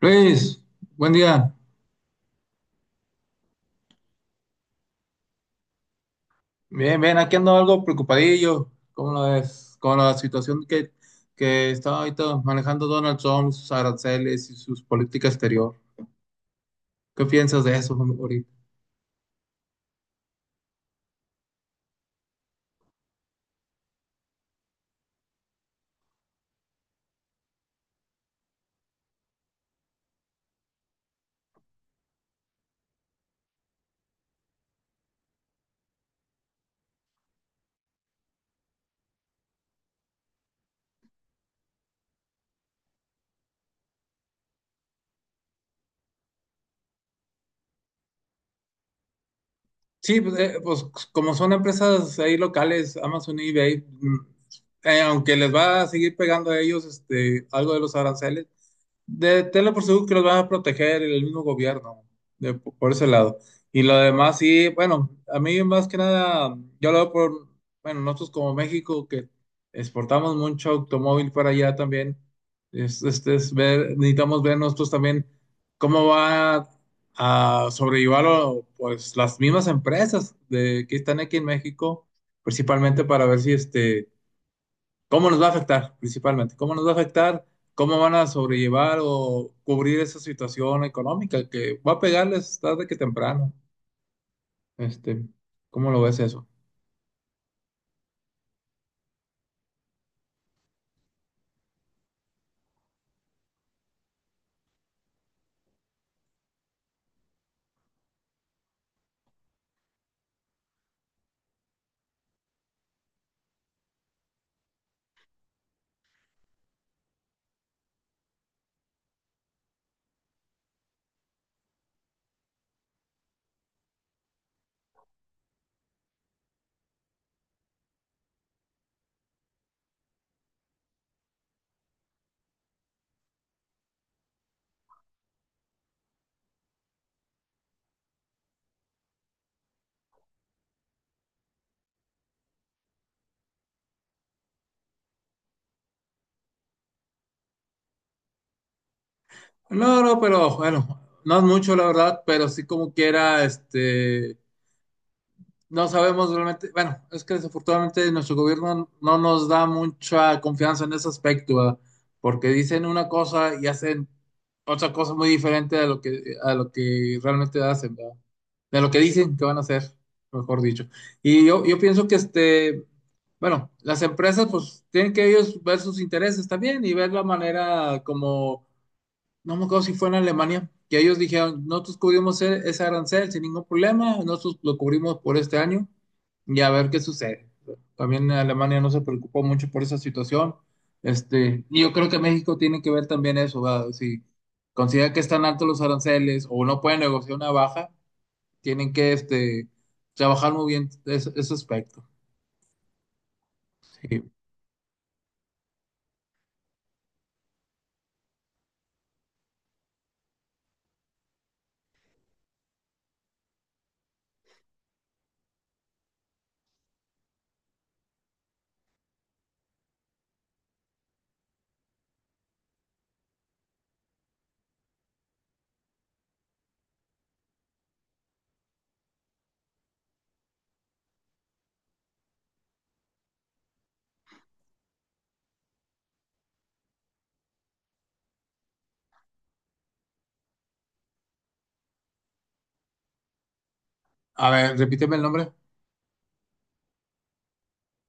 Luis, buen día. Bien, bien, aquí ando algo preocupadillo con la situación que está ahorita manejando Donald Trump, sus aranceles y sus políticas exterior. ¿Qué piensas de eso ahorita? Sí, pues, como son empresas ahí locales, Amazon y eBay, aunque les va a seguir pegando a ellos este, algo de los aranceles. Tenlo por seguro que los van a proteger el mismo gobierno, por ese lado. Y lo demás, sí, bueno, a mí más que nada, yo lo veo por, bueno, nosotros como México, que exportamos mucho automóvil para allá también, es, este, es ver, necesitamos ver nosotros también cómo va a sobrellevarlo, pues las mismas que están aquí en México, principalmente para ver si este ¿cómo nos va a afectar principalmente? ¿Cómo nos va a afectar? ¿Cómo van a sobrellevar o cubrir esa situación económica que va a pegarles tarde que temprano? Este, ¿Cómo lo ves eso? No, no, pero bueno, no es mucho la verdad, pero sí como quiera, no sabemos realmente. Bueno, es que desafortunadamente nuestro gobierno no nos da mucha confianza en ese aspecto, ¿verdad? Porque dicen una cosa y hacen otra cosa muy diferente a a lo que realmente hacen, ¿verdad? De lo que dicen que van a hacer, mejor dicho. Yo pienso que las empresas pues tienen que ellos ver sus intereses también y ver la manera como no me acuerdo si fue en Alemania, que ellos dijeron, nosotros cubrimos ese arancel sin ningún problema, nosotros lo cubrimos por este año y a ver qué sucede. También Alemania no se preocupó mucho por esa situación. Y yo creo que México tiene que ver también eso, ¿verdad? Si considera que están altos los aranceles o no pueden negociar una baja, tienen que trabajar muy bien ese aspecto. Sí. A ver, repíteme el nombre.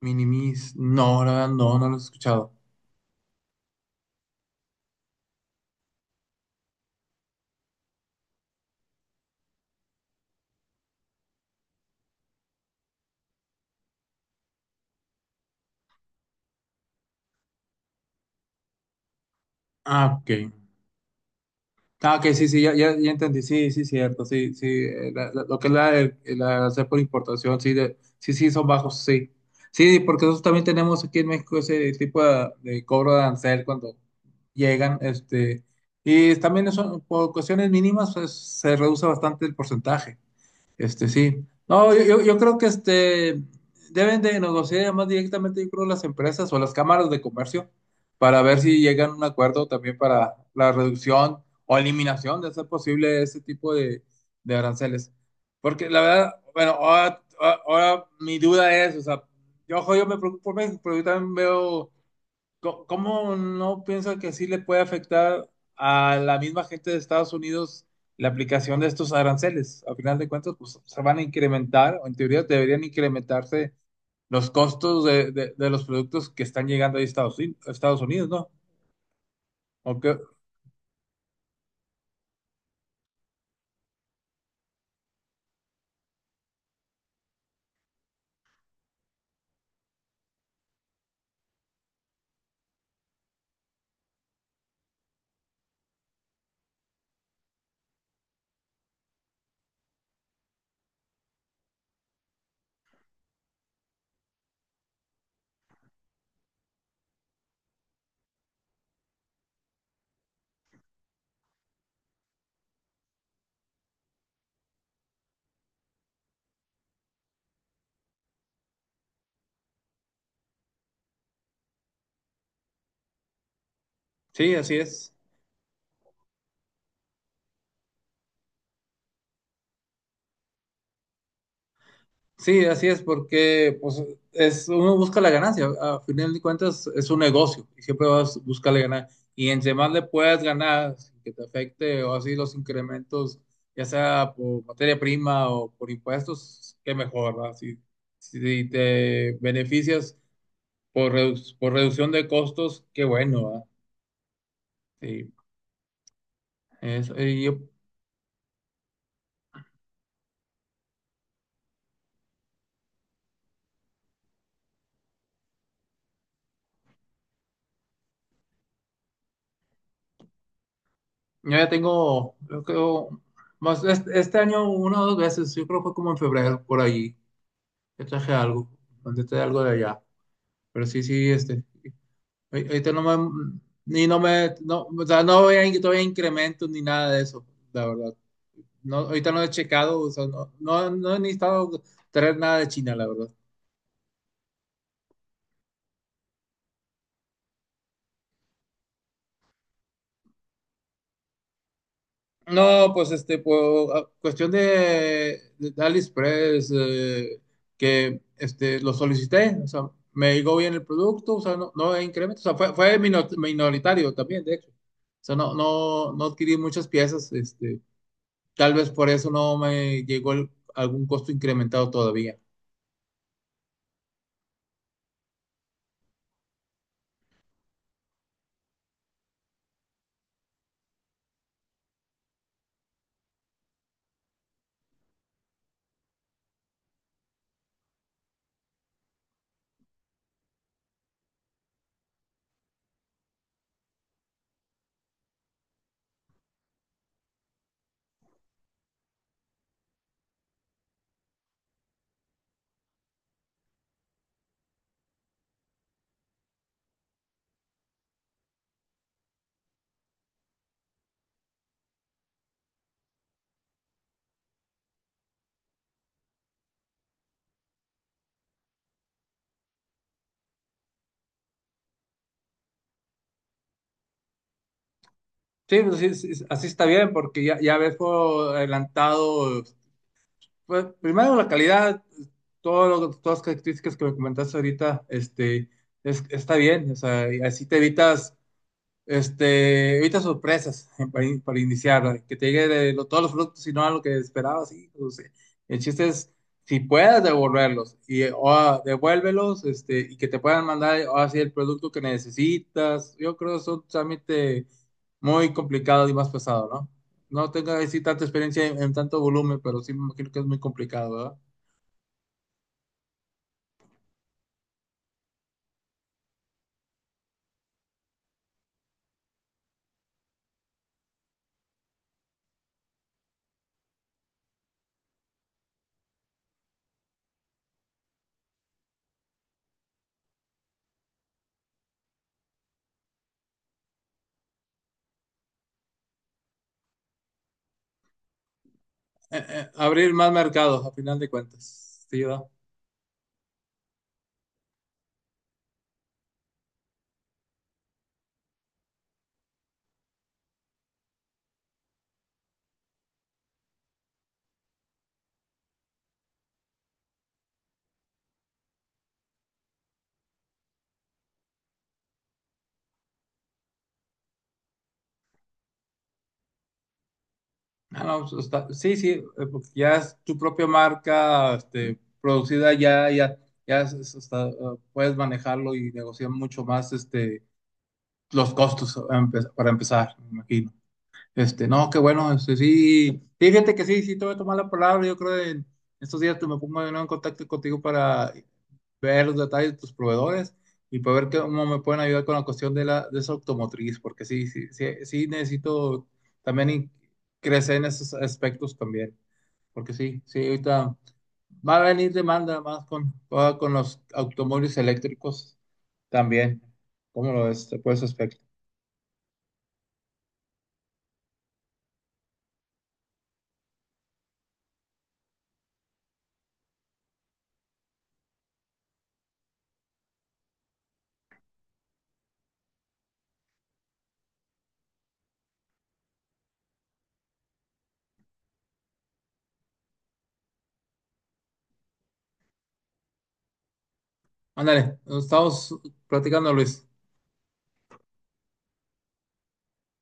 Minimis. No, la verdad, no, no lo he escuchado. Ah, ok. Ah, ok, sí, sí, ya, ya, ya entendí, sí, sí, cierto, sí, sí, lo que es la hacer por importación, sí, sí, son bajos, sí. Sí, porque nosotros también tenemos aquí en México ese tipo de cobro de arancel cuando llegan, y también eso, por cuestiones mínimas, pues, se reduce bastante el porcentaje. Este sí. No, yo creo que este deben de negociar más directamente, yo creo, las empresas o las cámaras de comercio para ver si llegan a un acuerdo también para la reducción o eliminación de ser posible ese tipo de aranceles. Porque la verdad, bueno, ahora mi duda es, o sea, yo, ojo, yo me preocupo por México, pero yo también veo ¿cómo no piensa que sí le puede afectar a la misma gente de Estados Unidos la aplicación de estos aranceles? A final de cuentas, pues se van a incrementar, o en teoría deberían incrementarse los costos de los productos que están llegando ahí a a Estados Unidos, ¿no? ¿O qué? Sí, así es. Sí, así es, porque pues, es, uno busca la ganancia. A final de cuentas, es un negocio y siempre vas a buscarle ganar. Y entre más le puedas ganar, sin que te afecte o así los incrementos, ya sea por materia prima o por impuestos, qué mejor, ¿verdad? Si, si te beneficias por reducción de costos, qué bueno, ¿verdad? Sí, es- y yo, yo ya tengo, yo creo, más este año una o dos veces, yo creo que fue como en febrero, por ahí. Yo traje algo, mandé algo de allá. Pero sí, sí, este. Ahorita no me. No, o sea, no voy a in- todavía incrementos ni nada de eso, la verdad. No, ahorita no he checado, o sea, no, no, no he necesitado traer nada de China, la verdad. No, pues este, pues, cuestión de AliExpress, lo solicité, o sea, me llegó bien el producto, o sea, no, no hay incremento, o sea, fue minoritario también, de hecho. O sea, no, no, no adquirí muchas piezas, este. Tal vez por eso no me llegó algún costo incrementado todavía. Sí, pues sí, sí, así está bien, porque ya, ya ves por adelantado, pues, primero la calidad, todas las características que me comentaste ahorita, está bien, o sea, y así te evitas ahorita sorpresas para iniciar, que te llegue todos los productos y no a lo que esperabas. Sí, pues, el chiste es, si puedes devolverlos, devuélvelos, y que te puedan mandar ahora sí el producto que necesitas. Yo creo que es un trámite muy complicado y más pesado, ¿no? No tengo así tanta experiencia en tanto volumen, pero sí me imagino que es muy complicado, ¿verdad? Abrir más mercados, a final de cuentas, sí, ¿verdad? Ah, no, pues, sí, sí, porque ya es tu propia marca, producida ya, ya, está, puedes manejarlo y negociar mucho más, los costos para empezar, me imagino. No, qué bueno, este, sí, fíjate que sí, sí, te voy a tomar la palabra, yo creo que en estos días te me pongo de nuevo en contacto contigo para ver los detalles de tus proveedores y poder ver cómo me pueden ayudar con la cuestión de esa automotriz, porque sí, sí, sí, sí necesito también crecer en esos aspectos también, porque sí, sí, ahorita va a venir demanda más con, ahora con los automóviles eléctricos también. ¿Cómo lo ves? Por ese aspecto. Ándale, nos estamos platicando, Luis.